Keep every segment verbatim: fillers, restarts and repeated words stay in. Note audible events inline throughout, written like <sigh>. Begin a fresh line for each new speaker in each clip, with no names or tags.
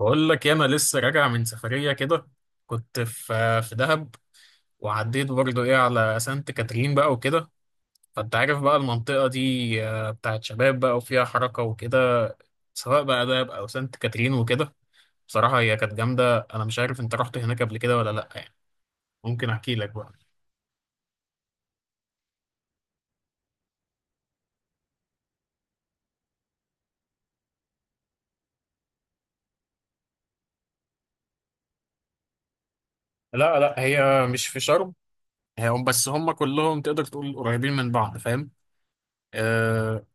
بقول لك يا، انا لسه راجع من سفريه كده. كنت في في دهب، وعديت برضو ايه على سانت كاترين بقى وكده. فانت عارف بقى المنطقه دي، آه، بتاعت شباب بقى وفيها حركه وكده، سواء بقى دهب او سانت كاترين وكده. بصراحه هي كانت جامده. انا مش عارف انت رحت هناك قبل كده ولا لا، يعني ممكن احكي لك بقى. لا، لا، هي مش في شرم. هي هم بس هم كلهم تقدر تقول قريبين من بعض، فاهم؟ آه،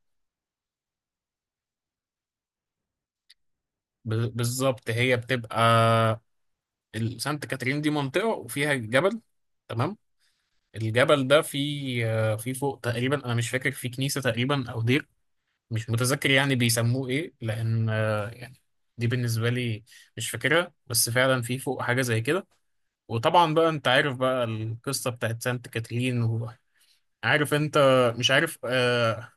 ب- بالظبط. هي بتبقى، ال- سانت كاترين دي منطقة وفيها جبل. تمام. الجبل ده فيه، آه، فيه فوق تقريبا، أنا مش فاكر، فيه كنيسة تقريبا أو دير. مش متذكر يعني بيسموه إيه، لأن آه، يعني، دي بالنسبة لي مش فاكرها. بس فعلا فيه فوق حاجة زي كده. وطبعا بقى أنت عارف بقى القصة بتاعت سانت كاترين، وعارف أنت مش عارف. آه،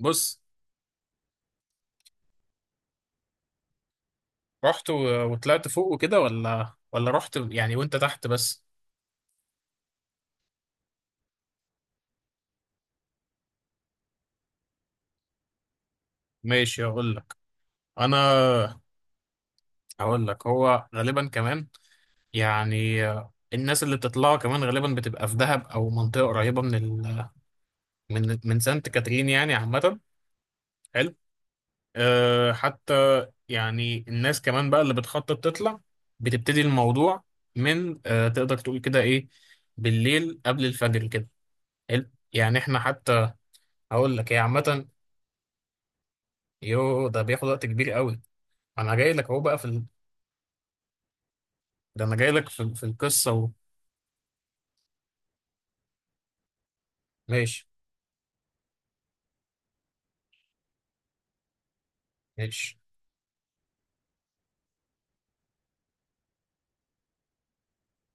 بص، رحت و- وطلعت فوق وكده، ولا ولا رحت يعني وأنت تحت بس؟ ماشي، أقول لك. أنا هقول لك، هو غالبا كمان يعني، آه، الناس اللي بتطلعوا كمان غالبا بتبقى في دهب او منطقه قريبه من ال، من من سانت كاترين يعني عامه. حلو. أه حتى يعني، الناس كمان بقى اللي بتخطط تطلع بتبتدي الموضوع من أه تقدر تقول كده ايه، بالليل قبل الفجر كده. حلو يعني احنا حتى. هقول لك هي عامه. يو ده بياخد وقت كبير قوي. انا جاي لك اهو بقى في ال... ده انا جاي لك في, في القصه و... ماشي، ماشي.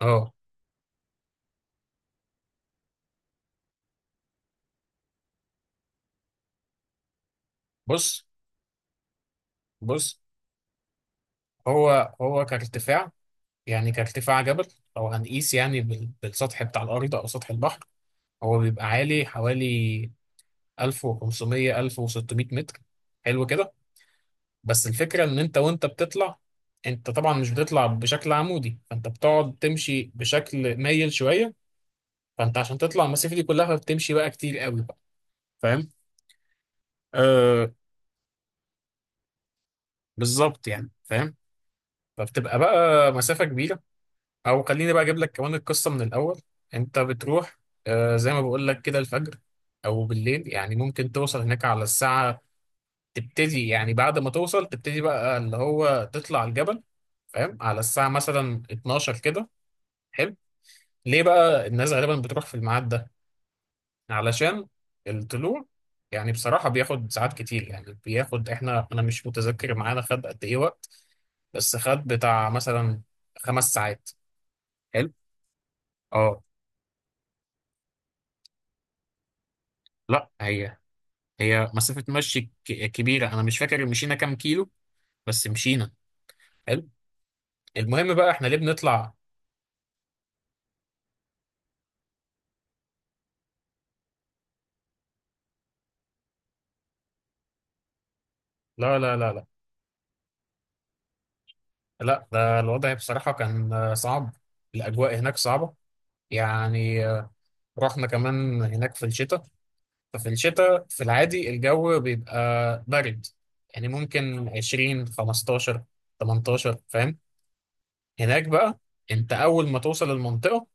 اه، بص، بص هو هو كارتفاع، يعني كارتفاع جبل. لو هنقيس يعني بال- بالسطح بتاع الأرض أو سطح البحر، هو بيبقى عالي حوالي ألف وخمسمية ألف وستمية متر. حلو كده. بس الفكرة إن أنت وأنت بتطلع. أنت طبعا مش بتطلع بشكل عمودي، فأنت بتقعد تمشي بشكل مايل شوية. فأنت عشان تطلع المسافة دي كلها فبتمشي بقى كتير قوي بقى، فاهم؟ آه. بالظبط يعني، فاهم؟ فبتبقى بقى مسافة كبيرة. او خليني بقى اجيب لك كمان القصه من الاول. انت بتروح، آه، زي ما بقول لك كده، الفجر او بالليل يعني، ممكن توصل هناك على الساعه. تبتدي يعني بعد ما توصل تبتدي بقى اللي هو تطلع الجبل، فاهم، على الساعه مثلا اتناشر كده. حلو. ليه بقى الناس غالبا بتروح في الميعاد ده؟ علشان الطلوع يعني بصراحه بياخد ساعات كتير، يعني بياخد، احنا انا مش متذكر معانا خد قد ايه وقت، بس خد بتاع مثلا خمس ساعات. حلو. اه. لا، هي هي مسافة مشي ك- كبيرة. أنا مش فاكر مشينا كام كيلو، بس مشينا. حلو. المهم بقى، إحنا ليه بنطلع؟ لا، لا، لا، لا. لا، ده الوضع بصراحة كان آه، صعب. الأجواء هناك صعبة يعني، آه، رحنا كمان هناك في الشتاء. ففي الشتاء في العادي الجو بيبقى برد، يعني ممكن عشرين خمستاشر تمنتاشر، فاهم؟ هناك بقى، أنت أول ما توصل المنطقة،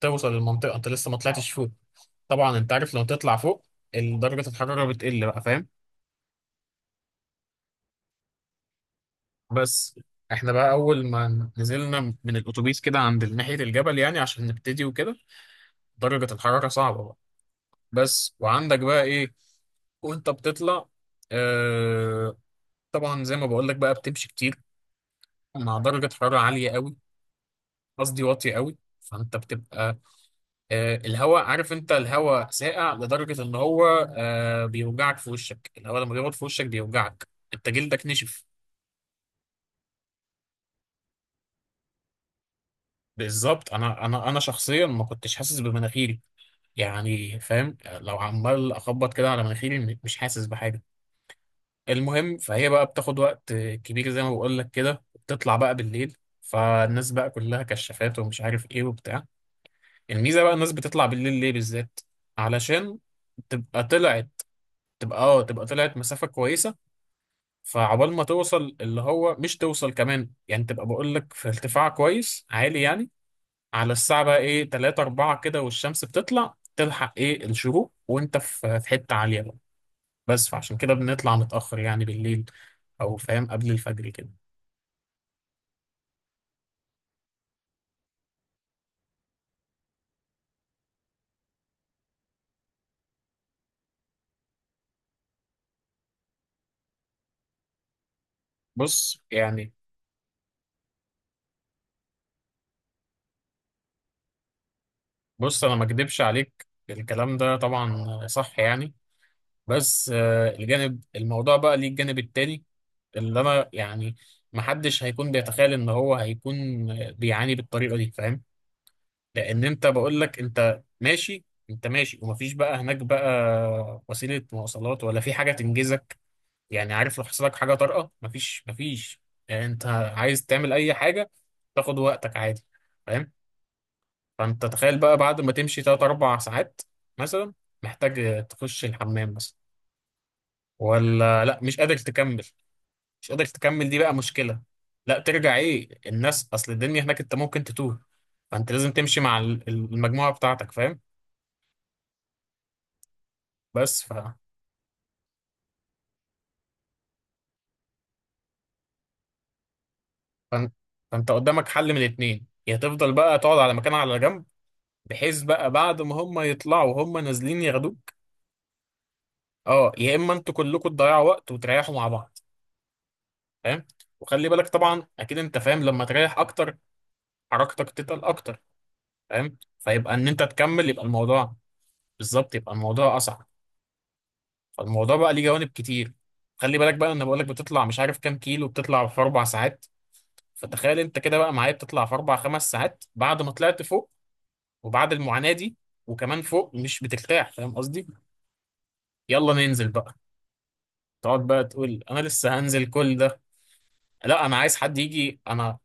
توصل المنطقة أنت لسه ما طلعتش فوق. طبعا انت عارف لو تطلع فوق، درجة الحرارة بتقل بقى، فاهم؟ بس احنا بقى اول ما نزلنا من الاتوبيس كده عند ناحية الجبل يعني عشان نبتدي وكده، درجة الحرارة صعبة بقى. بس وعندك بقى ايه، وانت بتطلع، آه طبعا زي ما بقول لك بقى بتمشي كتير مع درجة حرارة عالية قوي، قصدي واطية قوي. فانت بتبقى، آه الهواء، عارف انت الهواء ساقع لدرجة ان هو، آه بيوجعك في وشك. الهواء لما بيقعد في وشك بيوجعك. انت جلدك نشف. بالظبط. انا انا انا شخصيا ما كنتش حاسس بمناخيري، يعني فاهم، لو عمال اخبط كده على مناخيري م- مش حاسس بحاجه. المهم فهي بقى بتاخد وقت كبير، زي ما بقول لك كده بتطلع بقى بالليل، فالناس بقى كلها كشافات ومش عارف ايه وبتاع. الميزه بقى الناس بتطلع بالليل ليه بالذات؟ علشان تبقى طلعت، تبقى، اه تبقى طلعت مسافه كويسه. فعقبال ما توصل، اللي هو مش توصل كمان يعني، تبقى بقول لك في ارتفاع كويس عالي يعني، على الساعة بقى ايه، تلاتة أربعة كده، والشمس بتطلع تلحق ايه الشروق، وانت في في حتة عالية بقى. بس فعشان كده بنطلع متأخر يعني بالليل، أو فاهم قبل الفجر كده. بص يعني، بص، أنا ما أكدبش عليك، الكلام ده طبعا صح يعني. بس آه، الجانب الموضوع بقى ليه الجانب التاني، اللي أنا يعني محدش هيكون بيتخيل إن هو هيكون بيعاني بالطريقة دي، فاهم؟ لان انت بقول لك انت ماشي. انت ماشي ومفيش بقى هناك بقى وسيله مواصلات ولا في حاجه تنجزك، يعني عارف لو حصل لك حاجه طارئه، مفيش، مفيش. يعني انت عايز تعمل اي حاجه، تاخد وقتك عادي، فاهم؟ فانت تخيل بقى بعد ما تمشي تلاتة اربعة ساعات مثلا، محتاج تخش الحمام مثلا، ولا لا مش قادر تكمل. مش قادر تكمل، دي بقى مشكله. لا، ترجع ايه، الناس، اصل الدنيا هناك انت ممكن تتوه. فانت لازم تمشي مع ال- المجموعه بتاعتك، فاهم؟ بس فانت فانت قدامك حل من الاتنين، يا تفضل بقى تقعد على مكان على جنب، بحيث بقى بعد ما هم يطلعوا هم نازلين ياخدوك، اه، يا اما انتوا كلكم تضيعوا وقت وتريحوا مع بعض، فاهم؟ وخلي بالك طبعا، اكيد انت فاهم، لما تريح اكتر حركتك تتقل اكتر، فاهم؟ فيبقى ان انت تكمل يبقى الموضوع... بالظبط، يبقى الموضوع اصعب. فالموضوع بقى ليه جوانب كتير. خلي بالك بقى، انا بقول لك بتطلع مش عارف كام كيلو، بتطلع في اربع ساعات. فتخيل انت كده بقى معايا، بتطلع في اربع خمس ساعات. بعد ما طلعت فوق وبعد المعاناة دي، وكمان فوق مش بترتاح، فاهم قصدي؟ يلا ننزل بقى. تقعد بقى تقول، انا لسه هنزل كل ده! لا، انا عايز حد يجي. انا،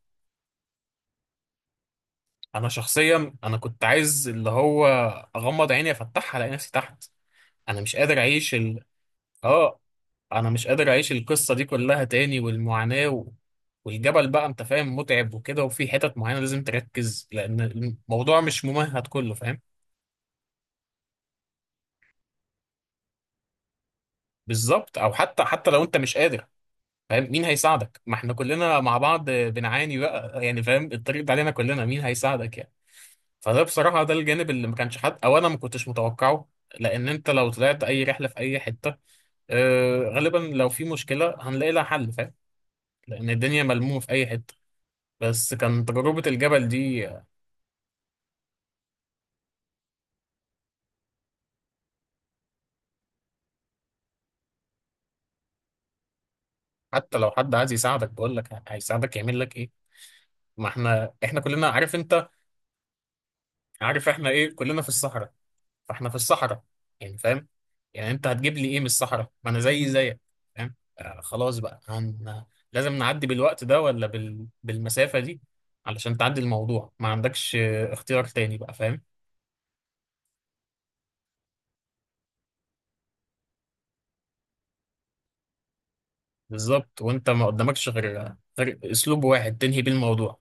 انا شخصيا، انا كنت عايز اللي هو اغمض عيني افتحها الاقي نفسي تحت. انا مش قادر اعيش ال... اه. انا مش قادر اعيش القصة دي كلها تاني والمعاناة و... والجبل بقى انت فاهم متعب وكده، وفي حتت معينة لازم تركز، لان الموضوع مش ممهد كله، فاهم؟ بالظبط. او حتى حتى لو انت مش قادر، فاهم مين هيساعدك؟ ما احنا كلنا مع بعض بنعاني بقى يعني، فاهم؟ الطريق ده علينا كلنا، مين هيساعدك يعني؟ فده بصراحة ده الجانب اللي ما كانش حد، او انا ما كنتش متوقعه. لان انت لو طلعت اي رحلة في اي حتة، آه غالبا لو في مشكلة هنلاقي لها حل، فاهم؟ لان الدنيا ملمومة في اي حتة. بس كان تجربة الجبل دي. حتى لو حد عايز يساعدك، بقول لك هيساعدك يعمل لك ايه؟ ما احنا احنا كلنا، عارف انت، عارف احنا ايه، كلنا في الصحراء. فاحنا في الصحراء، يعني فاهم، يعني انت هتجيب لي ايه من الصحراء؟ ما انا زي زيك، فاهم؟ آه خلاص بقى، هن... لازم نعدي بالوقت ده ولا بال... بالمسافة دي، علشان تعدي الموضوع ما عندكش آه، اختيار تاني بقى، فاهم؟ بالظبط، وانت ما قدامكش غير غير اسلوب واحد تنهي بيه الموضوع.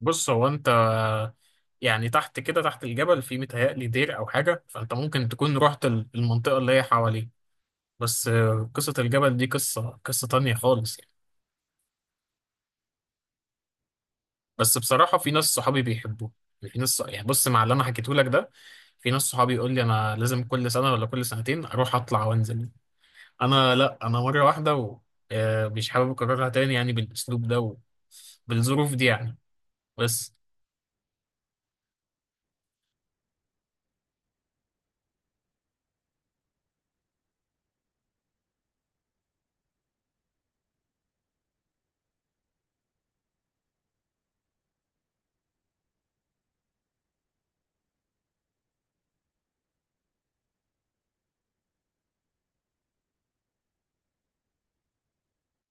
بص، هو انت آه، يعني تحت كده، تحت الجبل في متهيألي دير او حاجة، فانت ممكن تكون رحت ال- المنطقة اللي هي حواليه. بس آه، قصة الجبل دي قصة قصة تانية خالص يعني. بس بصراحة في ناس صحابي بيحبوه. في ناس يعني، بص، مع اللي أنا حكيته لك ده، في ناس صحابي يقول لي أنا لازم كل سنة ولا كل سنتين أروح أطلع وأنزل. أنا لأ، أنا مرة واحدة و آه، مش حابب أكررها تاني يعني بالأسلوب ده وبالظروف دي يعني. بس.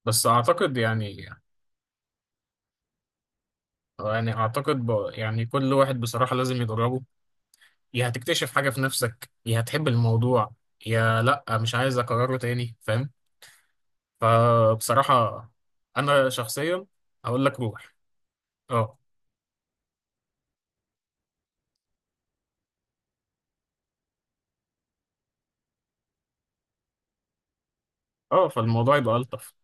بس أعتقد يعني، يعني أعتقد ب... يعني كل واحد بصراحة لازم يجربه. يا هتكتشف حاجة في نفسك، يا هتحب الموضوع، يا لأ مش عايز أكرره تاني، فاهم؟ فبصراحة أنا شخصيا هقول لك روح. اه. اه فالموضوع يبقى ألطف.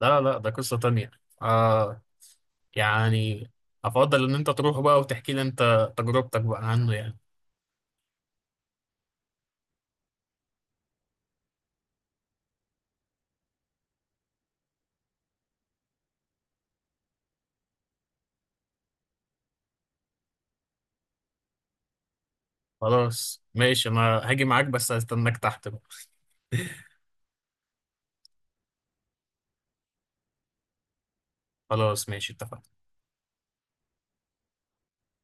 لا، لا، ده قصة تانية. آه يعني، أفضل إن أنت تروح بقى وتحكي لي أنت تجربتك بقى عنه يعني. خلاص ماشي، أنا هاجي معاك بس هستناك تحت بقى. <laughs> خلاص ماشي، اتفقنا.